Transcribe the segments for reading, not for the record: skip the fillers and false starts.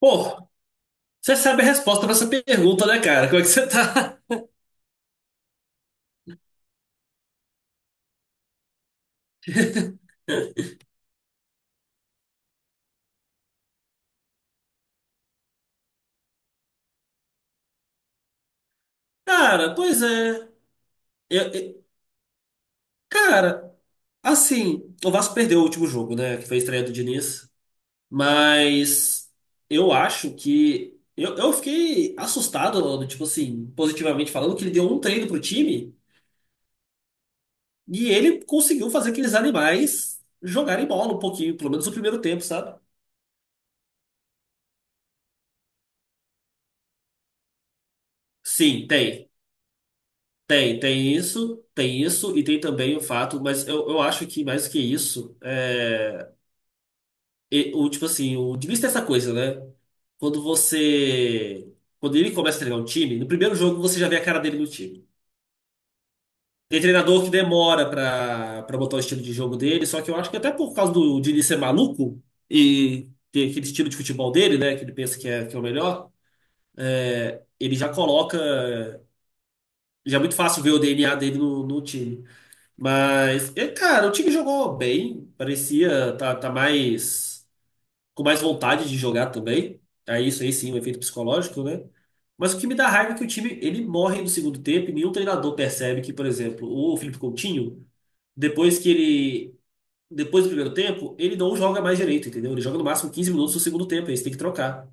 Pô, você sabe a resposta pra essa pergunta, né, cara? Como é que você tá? Cara, pois é. Eu- eu- cara, assim, o Vasco perdeu o último jogo, né? Que foi a estreia do Diniz. Mas eu acho que. Eu fiquei assustado, Aldo, tipo assim, positivamente falando, que ele deu um treino pro time e ele conseguiu fazer aqueles animais jogarem bola um pouquinho, pelo menos no primeiro tempo, sabe? Sim, tem. Tem, tem isso, e tem também o fato, mas eu acho que mais do que isso, tipo assim, o Diniz tem essa coisa, né? Quando você. Quando ele começa a treinar um time, no primeiro jogo você já vê a cara dele no time. Tem treinador que demora pra botar o estilo de jogo dele, só que eu acho que até por causa do Diniz ser maluco e ter aquele estilo de futebol dele, né? Que ele pensa que é o melhor, ele já coloca. Já é muito fácil ver o DNA dele no time. Mas, é, cara, o time jogou bem, parecia tá mais com mais vontade de jogar também. Aí isso aí sim, um efeito psicológico, né? Mas o que me dá raiva é que o time ele morre no segundo tempo e nenhum treinador percebe que, por exemplo, o Felipe Coutinho, depois que ele depois do primeiro tempo, ele não joga mais direito, entendeu? Ele joga no máximo 15 minutos no segundo tempo, aí você tem que trocar.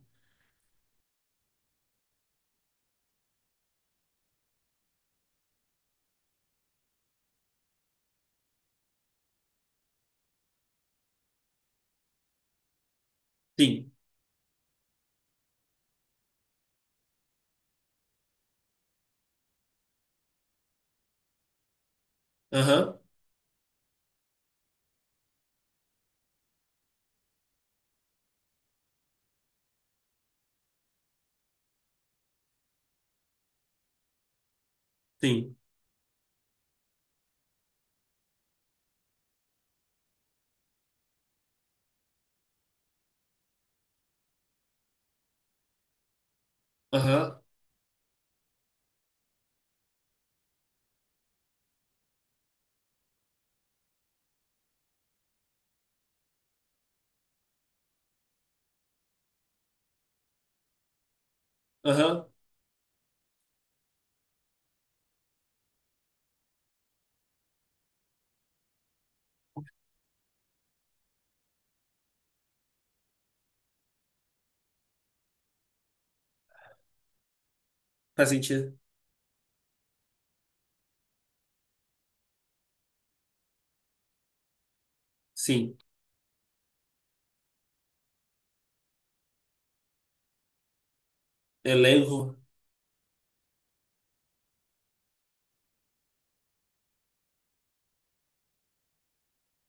Sim. Aham. Sim. Aham. Aham. Faz sentido. Sim. Elenco.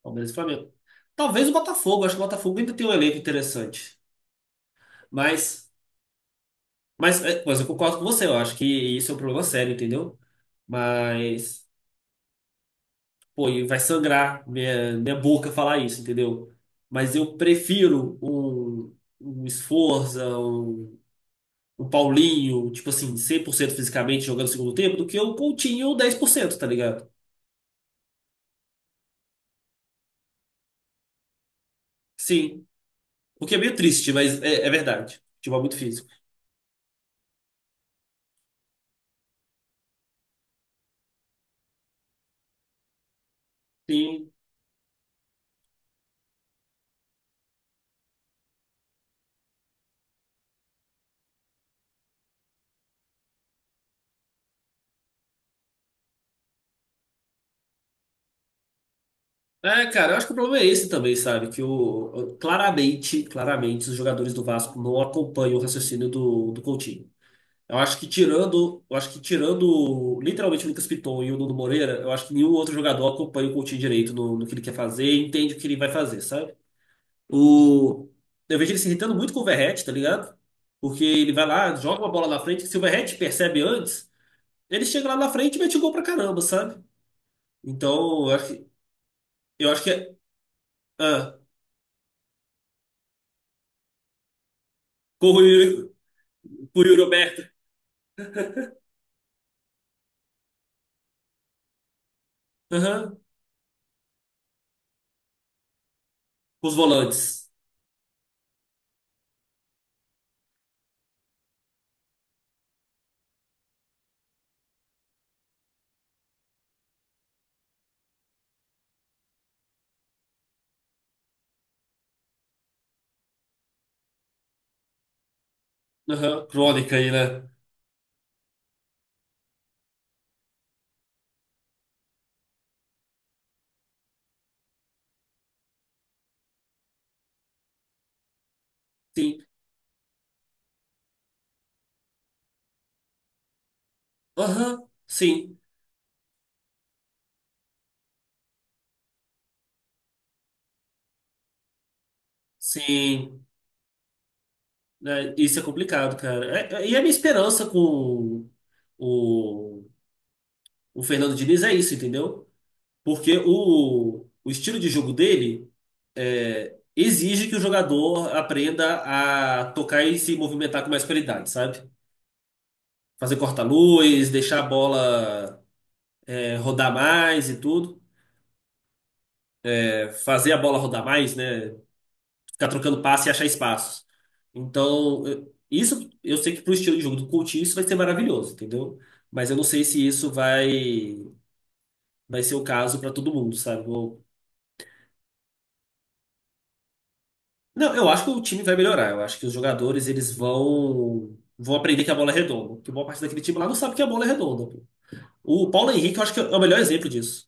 Palmeiras e Flamengo. Talvez o Botafogo, acho que o Botafogo ainda tem um elenco interessante. Mas, mas eu concordo com você, eu acho que isso é um problema sério, entendeu? Mas, pô, e vai sangrar minha boca falar isso, entendeu? Mas eu prefiro um Sforza, um Paulinho, tipo assim, 100% fisicamente jogando no segundo tempo, do que um Coutinho 10% tá ligado? Sim. O que é meio triste, mas é verdade. Futebol é muito físico. Sim, é, cara, eu acho que o problema é esse também, sabe? Que o, claramente, claramente, os jogadores do Vasco não acompanham o raciocínio do Coutinho. Eu acho que tirando, eu acho que tirando literalmente o Lucas Piton e o Nuno Moreira, eu acho que nenhum outro jogador acompanha o Coutinho direito no que ele quer fazer e entende o que ele vai fazer, sabe? O, eu vejo ele se irritando muito com o Verratti, tá ligado? Porque ele vai lá, joga uma bola na frente, se o Verratti percebe antes, ele chega lá na frente e mete gol pra caramba, sabe? Então, eu acho que, é. Ah, corro por Yuri Alberto. Aham. Com os volantes. Aham. Crônica aí, né? Sim. Aham. Sim. Sim. Né, isso é complicado, cara. E a minha esperança com o, o Fernando Diniz é isso, entendeu? Porque o estilo de jogo dele é, exige que o jogador aprenda a tocar e se movimentar com mais qualidade, sabe? Fazer corta-luz, deixar a bola é, rodar mais e tudo. É, fazer a bola rodar mais, né? Ficar trocando passe e achar espaços. Então, isso eu sei que pro estilo de jogo do Coutinho isso vai ser maravilhoso, entendeu? Mas eu não sei se isso vai ser o caso para todo mundo, sabe? Não, eu acho que o time vai melhorar. Eu acho que os jogadores eles vão aprender que a bola é redonda, porque boa parte daquele time lá não sabe que a bola é redonda, pô. O Paulo Henrique eu acho que é o melhor exemplo disso.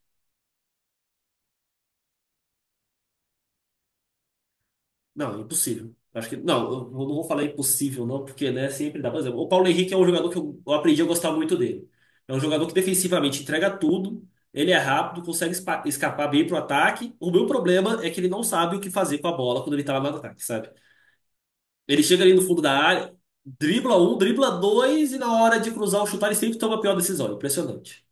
Não, impossível. Acho que. Não, eu não vou falar impossível, não, porque, né, sempre dá. Por exemplo, o Paulo Henrique é um jogador que eu aprendi a gostar muito dele. É um jogador que defensivamente entrega tudo, ele é rápido, consegue escapar bem pro ataque. O meu problema é que ele não sabe o que fazer com a bola quando ele tá lá no ataque, sabe? Ele chega ali no fundo da área, dribla um, dribla dois, e na hora de cruzar ou chutar, ele sempre toma a pior decisão. Impressionante.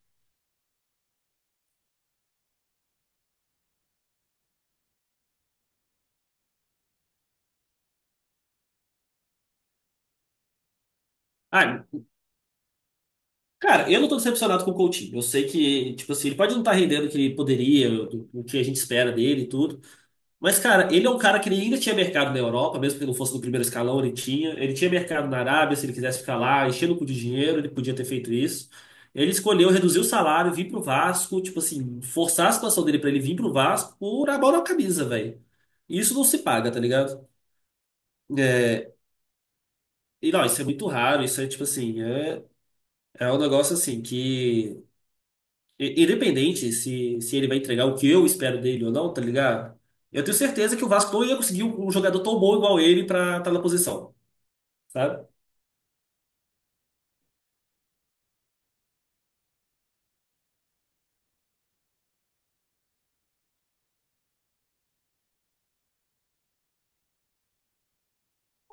Ah, cara, eu não tô decepcionado com o Coutinho. Eu sei que, tipo assim, ele pode não estar rendendo o que ele poderia, o que a gente espera dele e tudo. Mas, cara, ele é um cara que ele ainda tinha mercado na Europa, mesmo que ele não fosse no primeiro escalão, ele tinha. Ele tinha mercado na Arábia, se ele quisesse ficar lá, enchendo o cu de dinheiro, ele podia ter feito isso. Ele escolheu reduzir o salário, vir pro Vasco, tipo assim, forçar a situação dele pra ele vir pro Vasco por amor à camisa, velho. Isso não se paga, tá ligado? É, e não, isso é muito raro, isso é tipo assim, é, é um negócio assim que. Independente se, se ele vai entregar o que eu espero dele ou não, tá ligado? Eu tenho certeza que o Vasco não ia conseguir um jogador tão bom igual ele pra estar na posição, sabe?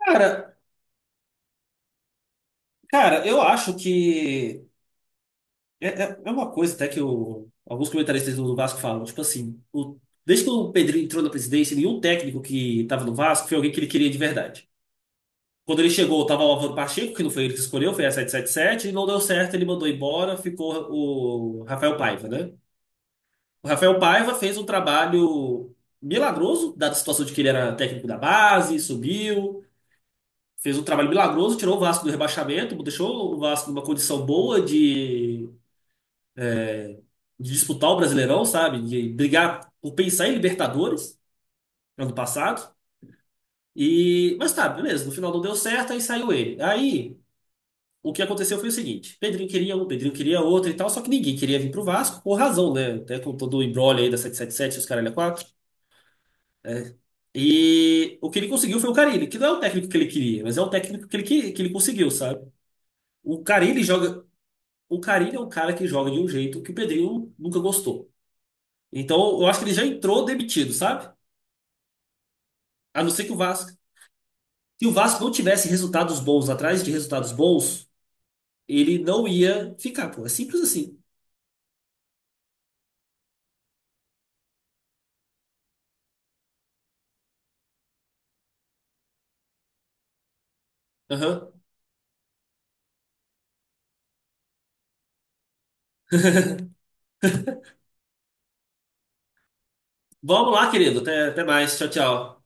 Cara, cara, eu acho que é uma coisa até que alguns comentaristas do Vasco falam, tipo assim, desde que o Pedrinho entrou na presidência, nenhum técnico que estava no Vasco foi alguém que ele queria de verdade. Quando ele chegou, tava o Álvaro Pacheco, que não foi ele que escolheu, foi a 777 e não deu certo, ele mandou embora, ficou o Rafael Paiva, né? O Rafael Paiva fez um trabalho milagroso, da situação de que ele era técnico da base, subiu, fez um trabalho milagroso, tirou o Vasco do rebaixamento, deixou o Vasco numa condição boa de disputar o Brasileirão, sabe? De brigar por pensar em Libertadores ano passado. E, mas tá, beleza, no final não deu certo, aí saiu ele. Aí o que aconteceu foi o seguinte: Pedrinho queria um, Pedrinho queria outro e tal, só que ninguém queria vir pro Vasco, por razão, né? Até com todo o embrolho aí da 777, os caralho a 4. É. E o que ele conseguiu foi o Carille, que não é o técnico que ele queria, mas é o técnico que ele, que ele conseguiu, sabe? O Carille joga. O Carille é um cara que joga de um jeito que o Pedrinho nunca gostou. Então eu acho que ele já entrou demitido, sabe? A não ser que o Vasco. Se o Vasco não tivesse resultados bons atrás de resultados bons, ele não ia ficar, pô. É simples assim. Aham. Vamos lá, querido. Até, até mais. Tchau, tchau.